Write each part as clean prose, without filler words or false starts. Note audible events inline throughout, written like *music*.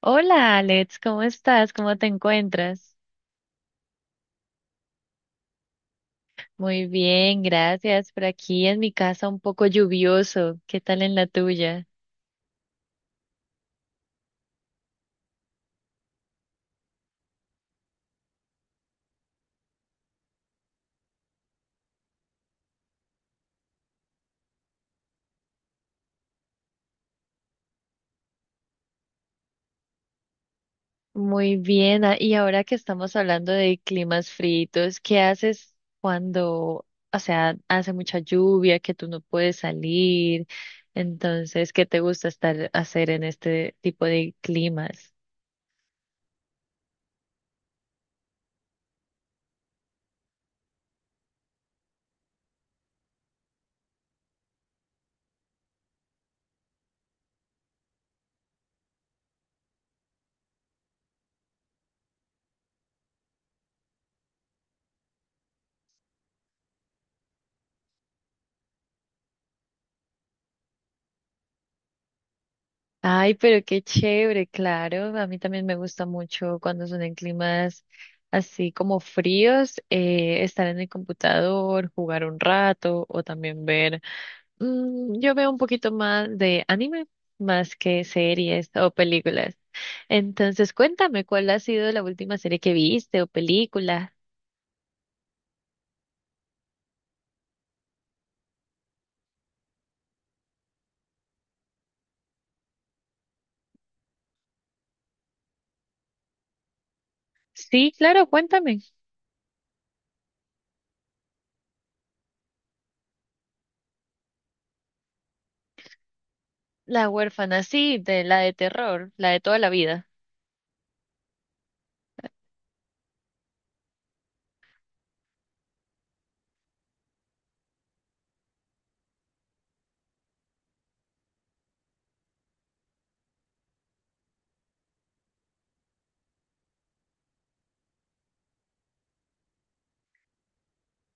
Hola Alex, ¿cómo estás? ¿Cómo te encuentras? Muy bien, gracias. Por aquí en mi casa un poco lluvioso. ¿Qué tal en la tuya? Muy bien. Y ahora que estamos hablando de climas fritos, ¿qué haces cuando, o sea, hace mucha lluvia, que tú no puedes salir? Entonces, ¿qué te gusta estar hacer en este tipo de climas? Ay, pero qué chévere, claro. A mí también me gusta mucho cuando son en climas así como fríos, estar en el computador, jugar un rato o también ver. Yo veo un poquito más de anime, más que series o películas. Entonces, cuéntame, ¿cuál ha sido la última serie que viste o película? Sí, claro, cuéntame. La huérfana, sí, de la de terror, la de toda la vida.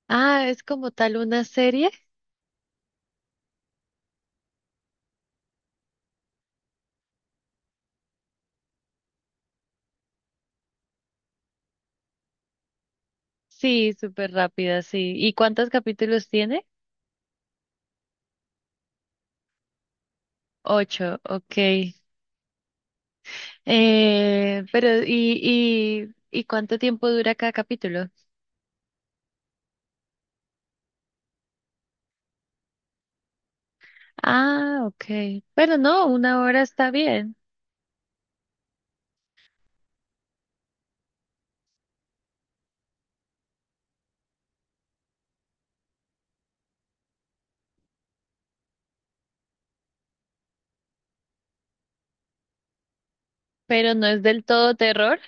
Ah, es como tal una serie. Sí, súper rápida, sí. ¿Y cuántos capítulos tiene? Ocho, ok. Pero, ¿y, y cuánto tiempo dura cada capítulo? Ah, ok. Bueno, no, 1 hora está bien, pero no es del todo terror.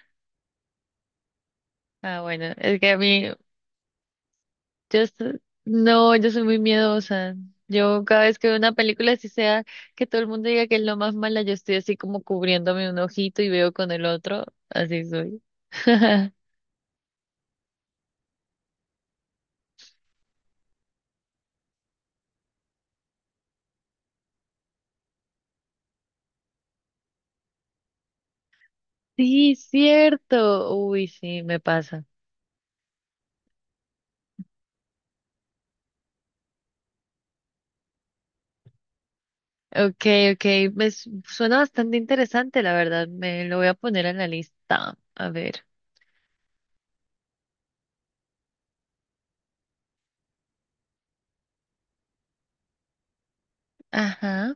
Ah, bueno, es que a mí, yo, no, yo soy muy miedosa. Yo cada vez que veo una película, así sea que todo el mundo diga que es lo más mala, yo estoy así como cubriéndome un ojito y veo con el otro, así soy. *laughs* Sí, cierto. Uy, sí, me pasa. Ok, ok. Suena bastante interesante, la verdad. Me lo voy a poner en la lista. A ver. Ajá,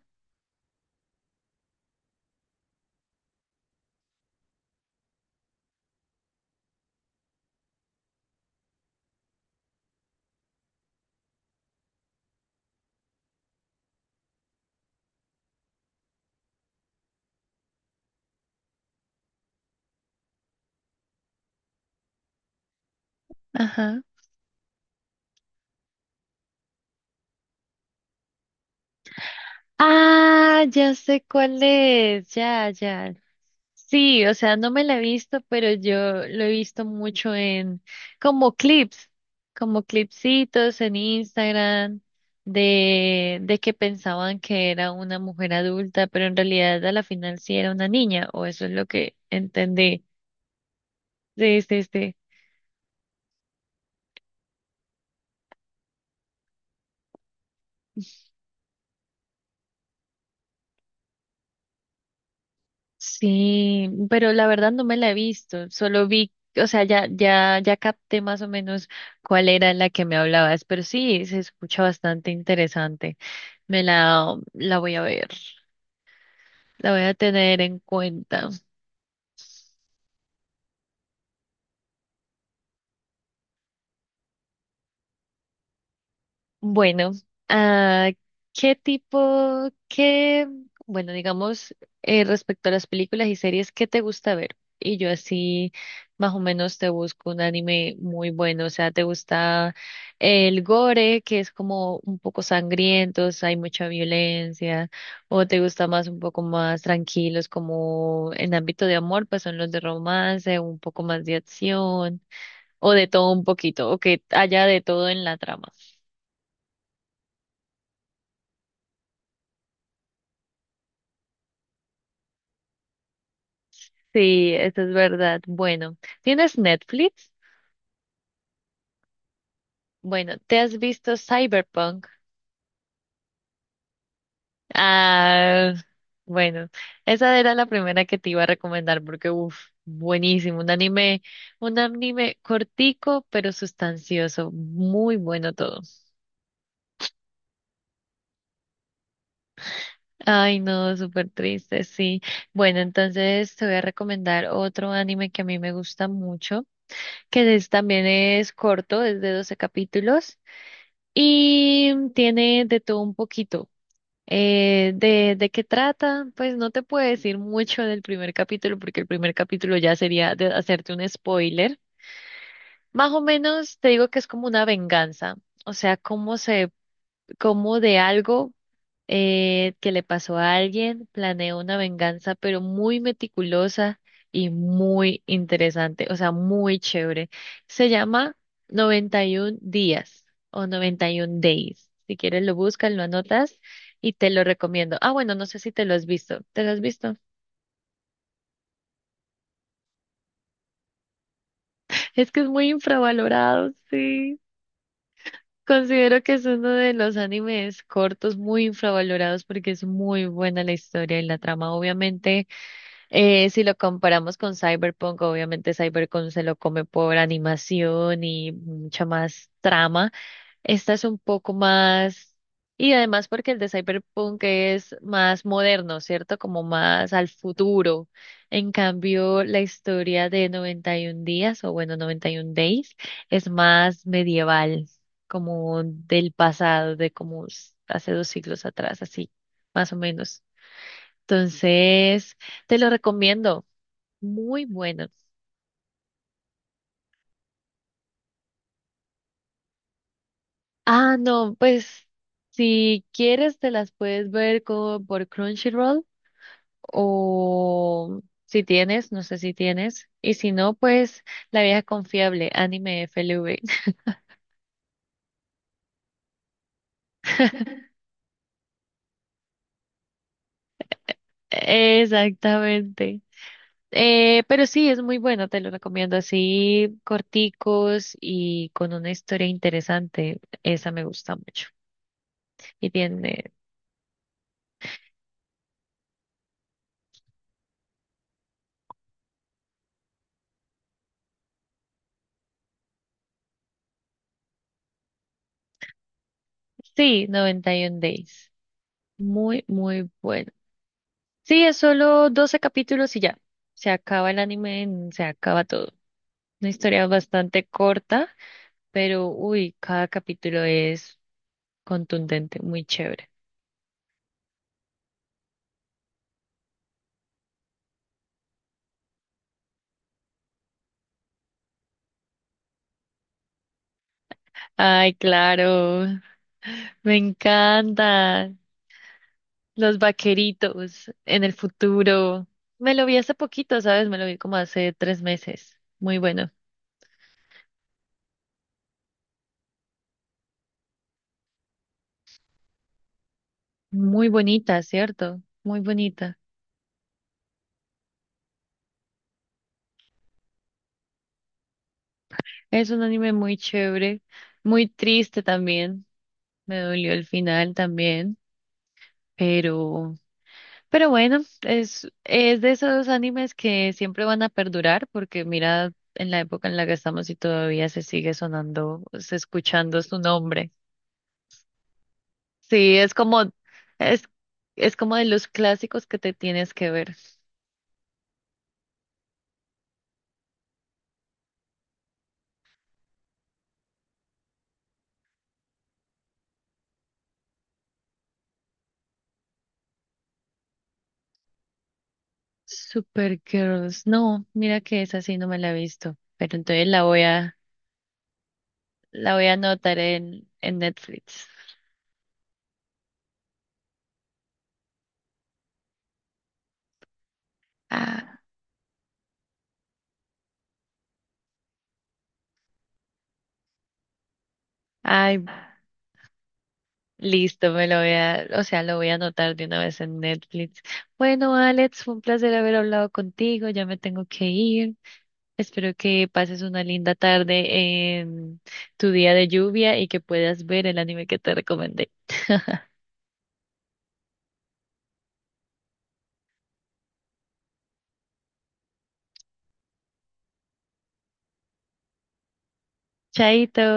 ajá. Ah, ya sé cuál es. Ya, ya. Sí, o sea, no me la he visto, pero yo lo he visto mucho en como clips, como clipsitos en Instagram de que pensaban que era una mujer adulta, pero en realidad a la final sí era una niña, o eso es lo que entendí. Sí, sí, sí. Sí, pero la verdad no me la he visto, solo vi, o sea, ya, ya, ya capté más o menos cuál era la que me hablabas, pero sí, se escucha bastante interesante. Me la, la voy a ver. La voy a tener en cuenta. Bueno, ah, ¿qué tipo, qué, bueno, digamos, respecto a las películas y series, ¿qué te gusta ver? Y yo así más o menos te busco un anime muy bueno. O sea, ¿te gusta el gore, que es como un poco sangrientos, hay mucha violencia? ¿O te gusta más un poco más tranquilos, como en ámbito de amor, pues son los de romance, un poco más de acción? O de todo un poquito, o que haya de todo en la trama. Sí, eso es verdad. Bueno, ¿tienes Netflix? Bueno, ¿te has visto Cyberpunk? Ah, bueno, esa era la primera que te iba a recomendar porque, uff, buenísimo. Un anime cortico, pero sustancioso. Muy bueno todo. Ay, no, súper triste, sí. Bueno, entonces te voy a recomendar otro anime que a mí me gusta mucho. Que es, también es corto, es de 12 capítulos y tiene de todo un poquito. ¿De qué trata? Pues no te puedo decir mucho del primer capítulo porque el primer capítulo ya sería de hacerte un spoiler. Más o menos te digo que es como una venganza, o sea, cómo se, cómo de algo que le pasó a alguien, planeó una venganza, pero muy meticulosa y muy interesante, o sea, muy chévere. Se llama 91 días o 91 days. Si quieres lo buscas, lo anotas y te lo recomiendo. Ah, bueno, no sé si te lo has visto. ¿Te lo has visto? Es que es muy infravalorado, sí. Considero que es uno de los animes cortos muy infravalorados porque es muy buena la historia y la trama. Obviamente, si lo comparamos con Cyberpunk, obviamente Cyberpunk se lo come por animación y mucha más trama. Esta es un poco más, y además porque el de Cyberpunk es más moderno, ¿cierto? Como más al futuro. En cambio, la historia de 91 días, o bueno, 91 Days, es más medieval, como del pasado, de como hace 2 siglos atrás, así, más o menos. Entonces, te lo recomiendo. Muy bueno. Ah, no, pues si quieres te las puedes ver por Crunchyroll o si tienes, no sé si tienes, y si no, pues La Vieja Confiable, Anime FLV. *laughs* Exactamente. Pero sí, es muy bueno, te lo recomiendo así, corticos y con una historia interesante. Esa me gusta mucho. Y tiene, sí, 91 Days. Muy, muy bueno. Sí, es solo 12 capítulos y ya. Se acaba el anime, se acaba todo. Una historia bastante corta, pero uy, cada capítulo es contundente, muy chévere. Ay, claro, me encanta. Los vaqueritos en el futuro. Me lo vi hace poquito, ¿sabes? Me lo vi como hace 3 meses. Muy bueno. Muy bonita, ¿cierto? Muy bonita. Es un anime muy chévere, muy triste también. Me dolió el final también, pero, pero bueno, es de esos animes que siempre van a perdurar, porque mira en la época en la que estamos y todavía se sigue sonando, se escuchando su nombre. Sí, es, es como de los clásicos que te tienes que ver. Supergirls, no, mira que esa sí no me la he visto, pero entonces la voy a anotar en Netflix. Ah, ay. Listo, me lo voy a, o sea, lo voy a anotar de una vez en Netflix. Bueno, Alex, fue un placer haber hablado contigo, ya me tengo que ir. Espero que pases una linda tarde en tu día de lluvia y que puedas ver el anime que te recomendé. *laughs* Chaito.